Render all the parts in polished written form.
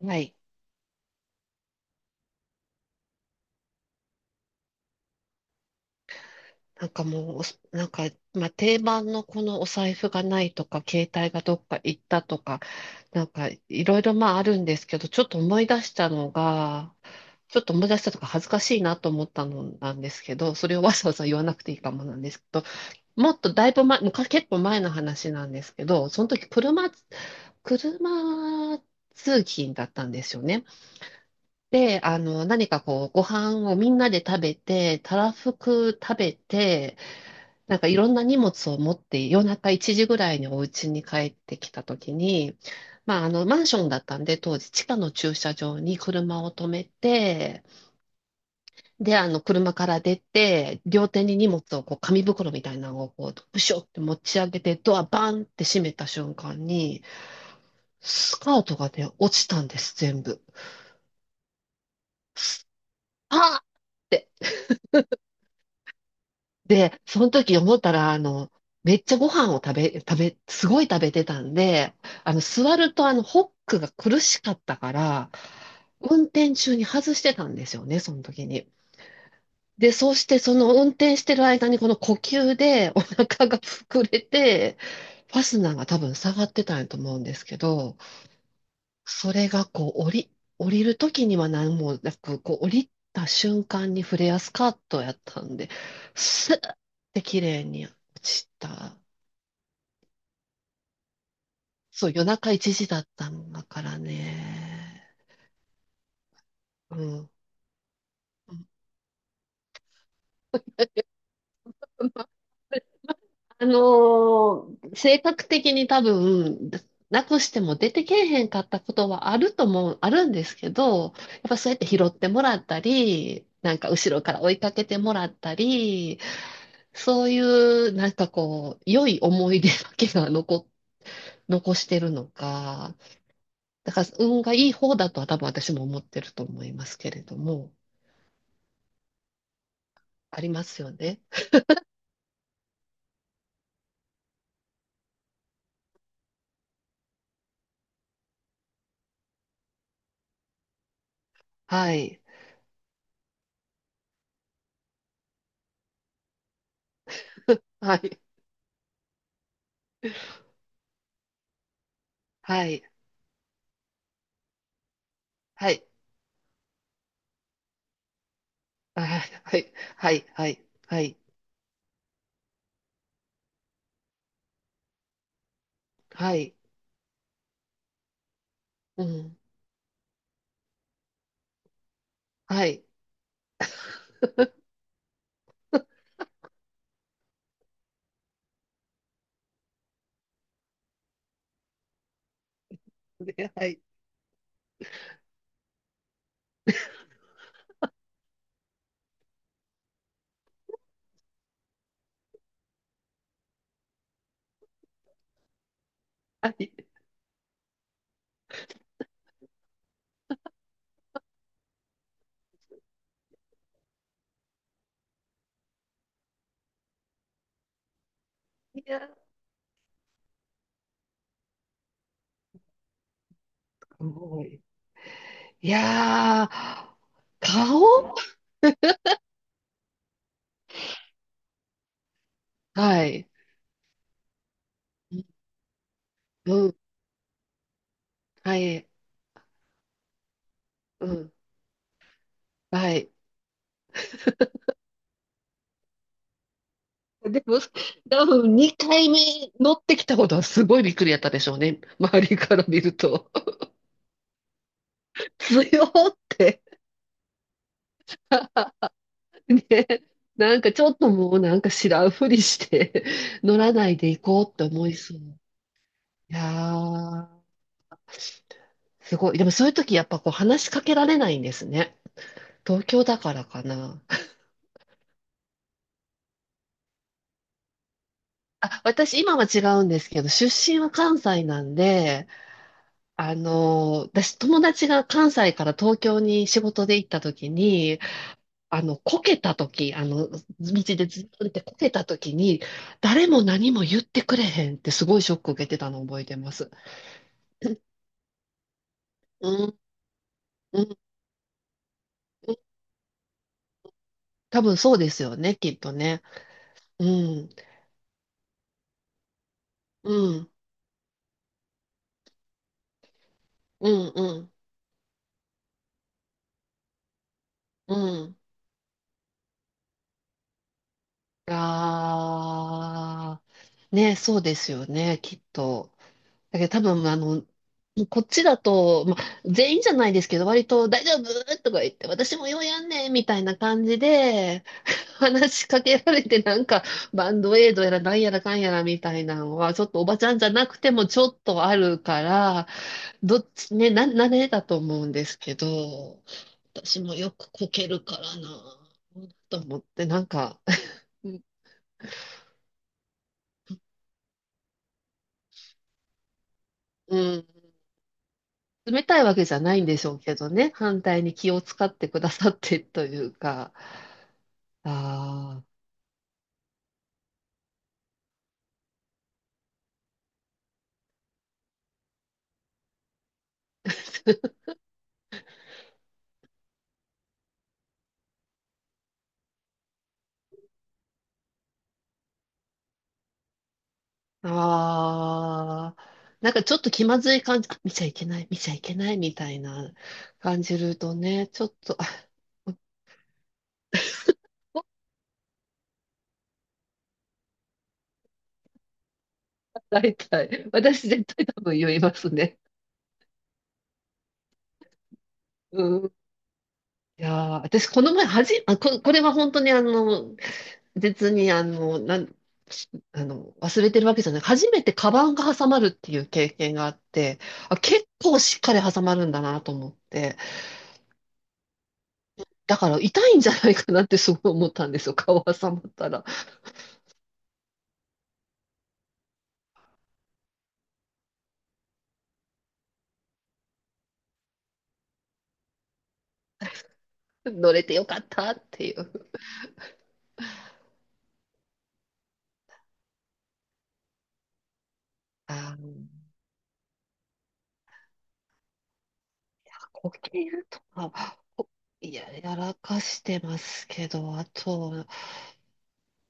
はい。なんかもうおす、なんか、まあ、定番のこのお財布がないとか、携帯がどっか行ったとか、なんかいろいろまああるんですけど、ちょっと思い出したのが、ちょっと思い出したとか恥ずかしいなと思ったのなんですけど、それをわざわざ言わなくていいかもなんですけど、もっとだいぶ前、昔結構前の話なんですけど、その時車通勤だったんですよね。で、あの、何かこう、ご飯をみんなで食べて、たらふく食べて、なんかいろんな荷物を持って夜中1時ぐらいにお家に帰ってきた時に、まああのマンションだったんで当時地下の駐車場に車を止めて、であの車から出て両手に荷物をこう紙袋みたいなのをこうブショって持ち上げてドアバンって閉めた瞬間にスカートがね落ちたんです全部。あーってで、その時思ったら、あの、めっちゃご飯を食べ、食べ、すごい食べてたんで、あの、座るとあの、ホックが苦しかったから、運転中に外してたんですよね、その時に。で、そうしてその運転してる間にこの呼吸でお腹が膨れて、ファスナーが多分下がってたんやと思うんですけど、それがこう降りる時には何もなく、こう降りた瞬間にフレアスカートやったんで、スーって綺麗に落ちた。そう、夜中1時だったんだからね。うん。あの性格的に多分、なくしても出てけえへんかったことはあると思う、あるんですけど、やっぱそうやって拾ってもらったり、なんか後ろから追いかけてもらったり、そういう、なんかこう、良い思い出だけが残してるのか、だから運がいい方だとは多分私も思ってると思いますけれども、ありますよね。はい。はい。はい。はい。はい。はい。はい。はい。はい。はい。うん。はい。ではい。はい。いやー、すごい。いやー、顔はい。うん。はい。うん。はい。でも、多分2回目乗ってきたことはすごいびっくりやったでしょうね。周りから見ると。強って。ね。なんかちょっともうなんか知らんふりして乗らないで行こうって思いそう。いやー、すごい。でもそういう時やっぱこう話しかけられないんですね。東京だからかな。あ、私今は違うんですけど、出身は関西なんで、あの、私友達が関西から東京に仕事で行った時に、あの、こけた時、あの、道でずっとってこけたときに、誰も何も言ってくれへんってすごいショック受けてたのを覚えてます。うん、うん、うん多分そうですよね、きっとね。うん、うん、うん、うん、うん。あー、ね、そうですよね、きっと。だけど多分、あの、こっちだと、まあ、全員じゃないですけど、割と大丈夫とか言って、私もようやんねんみたいな感じで、話しかけられて、なんか、バンドエイドやらなんやらかんやらみたいなのは、ちょっとおばちゃんじゃなくてもちょっとあるから、どっちね、慣れだと思うんですけど、私もよくこけるからな、と思って、なんか、うん冷たいわけじゃないんでしょうけどね、反対に気を使ってくださってというか、ああ、ああ、なんかちょっと気まずい感じ、あ、見ちゃいけない、見ちゃいけないみたいな感じるとね、ちょっと、あ大体、私絶対多分言いますね。うん。いやー、私この前はじ、あ、こ、これは本当にあの、別に、あの、あの、忘れてるわけじゃない。初めてカバンが挟まるっていう経験があって、あ、結構しっかり挟まるんだなと思って、だから痛いんじゃないかなってすごい思ったんですよ。顔挟まったら。乗れてよかったっていう。あの、呼吸とか、いや、やらかしてますけど、あと、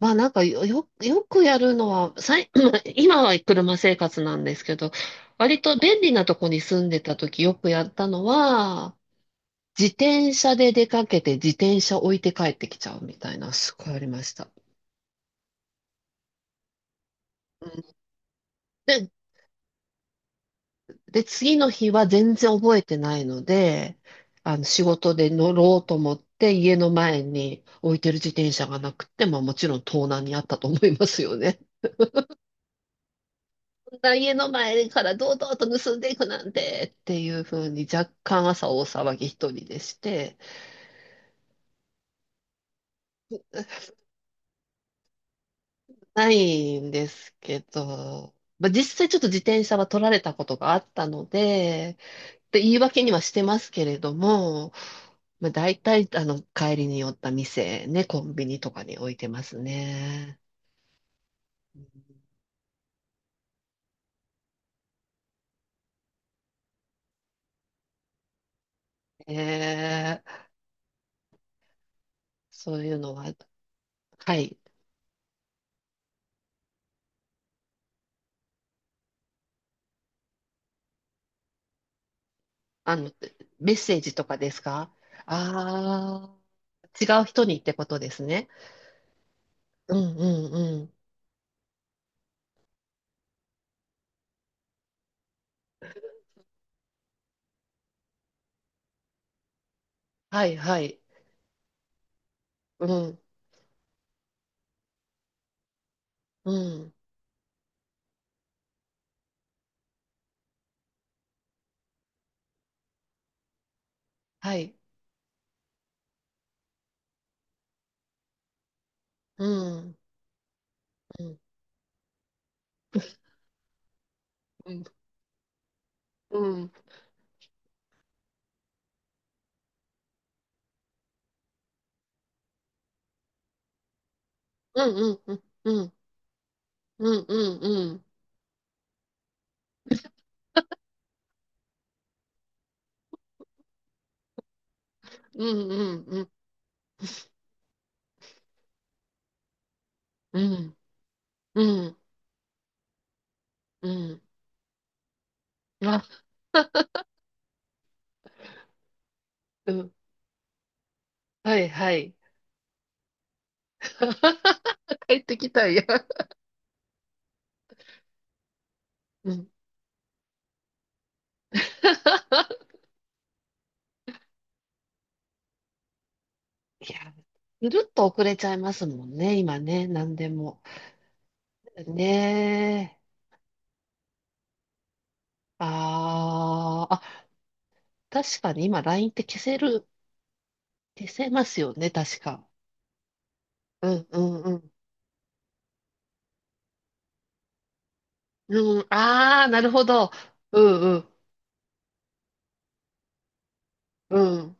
まあなんかよくやるのは、今は車生活なんですけど、割と便利なとこに住んでた時よくやったのは、自転車で出かけて自転車置いて帰ってきちゃうみたいな、すごいありました。うんで、で、次の日は全然覚えてないので、あの、仕事で乗ろうと思って家の前に置いてる自転車がなくて、まあもちろん盗難にあったと思いますよね。家の前から堂々と盗んでいくなんてっていう風に若干朝大騒ぎ一人でしてないんですけど、まあ、実際ちょっと自転車は取られたことがあったので、で言い訳にはしてますけれども、まあ、大体あの帰りに寄った店ね、コンビニとかに置いてますね。えー、そういうのは、はい。あの、メッセージとかですかああー。違う人にってことですね。うんうんうん。はいはい。うんうんはい。うんうんうんうんうんうんうんうんうんうんうんうんうんうんうんあうんはいはい。帰ってきたいや。うん。いや、ぐるっと遅れちゃいますもんね、今ね、何でも。ねえ。あーあ、確かに今 LINE って消せますよね、確か。うんうんうん。うん、ああ、なるほど。うんうんうん。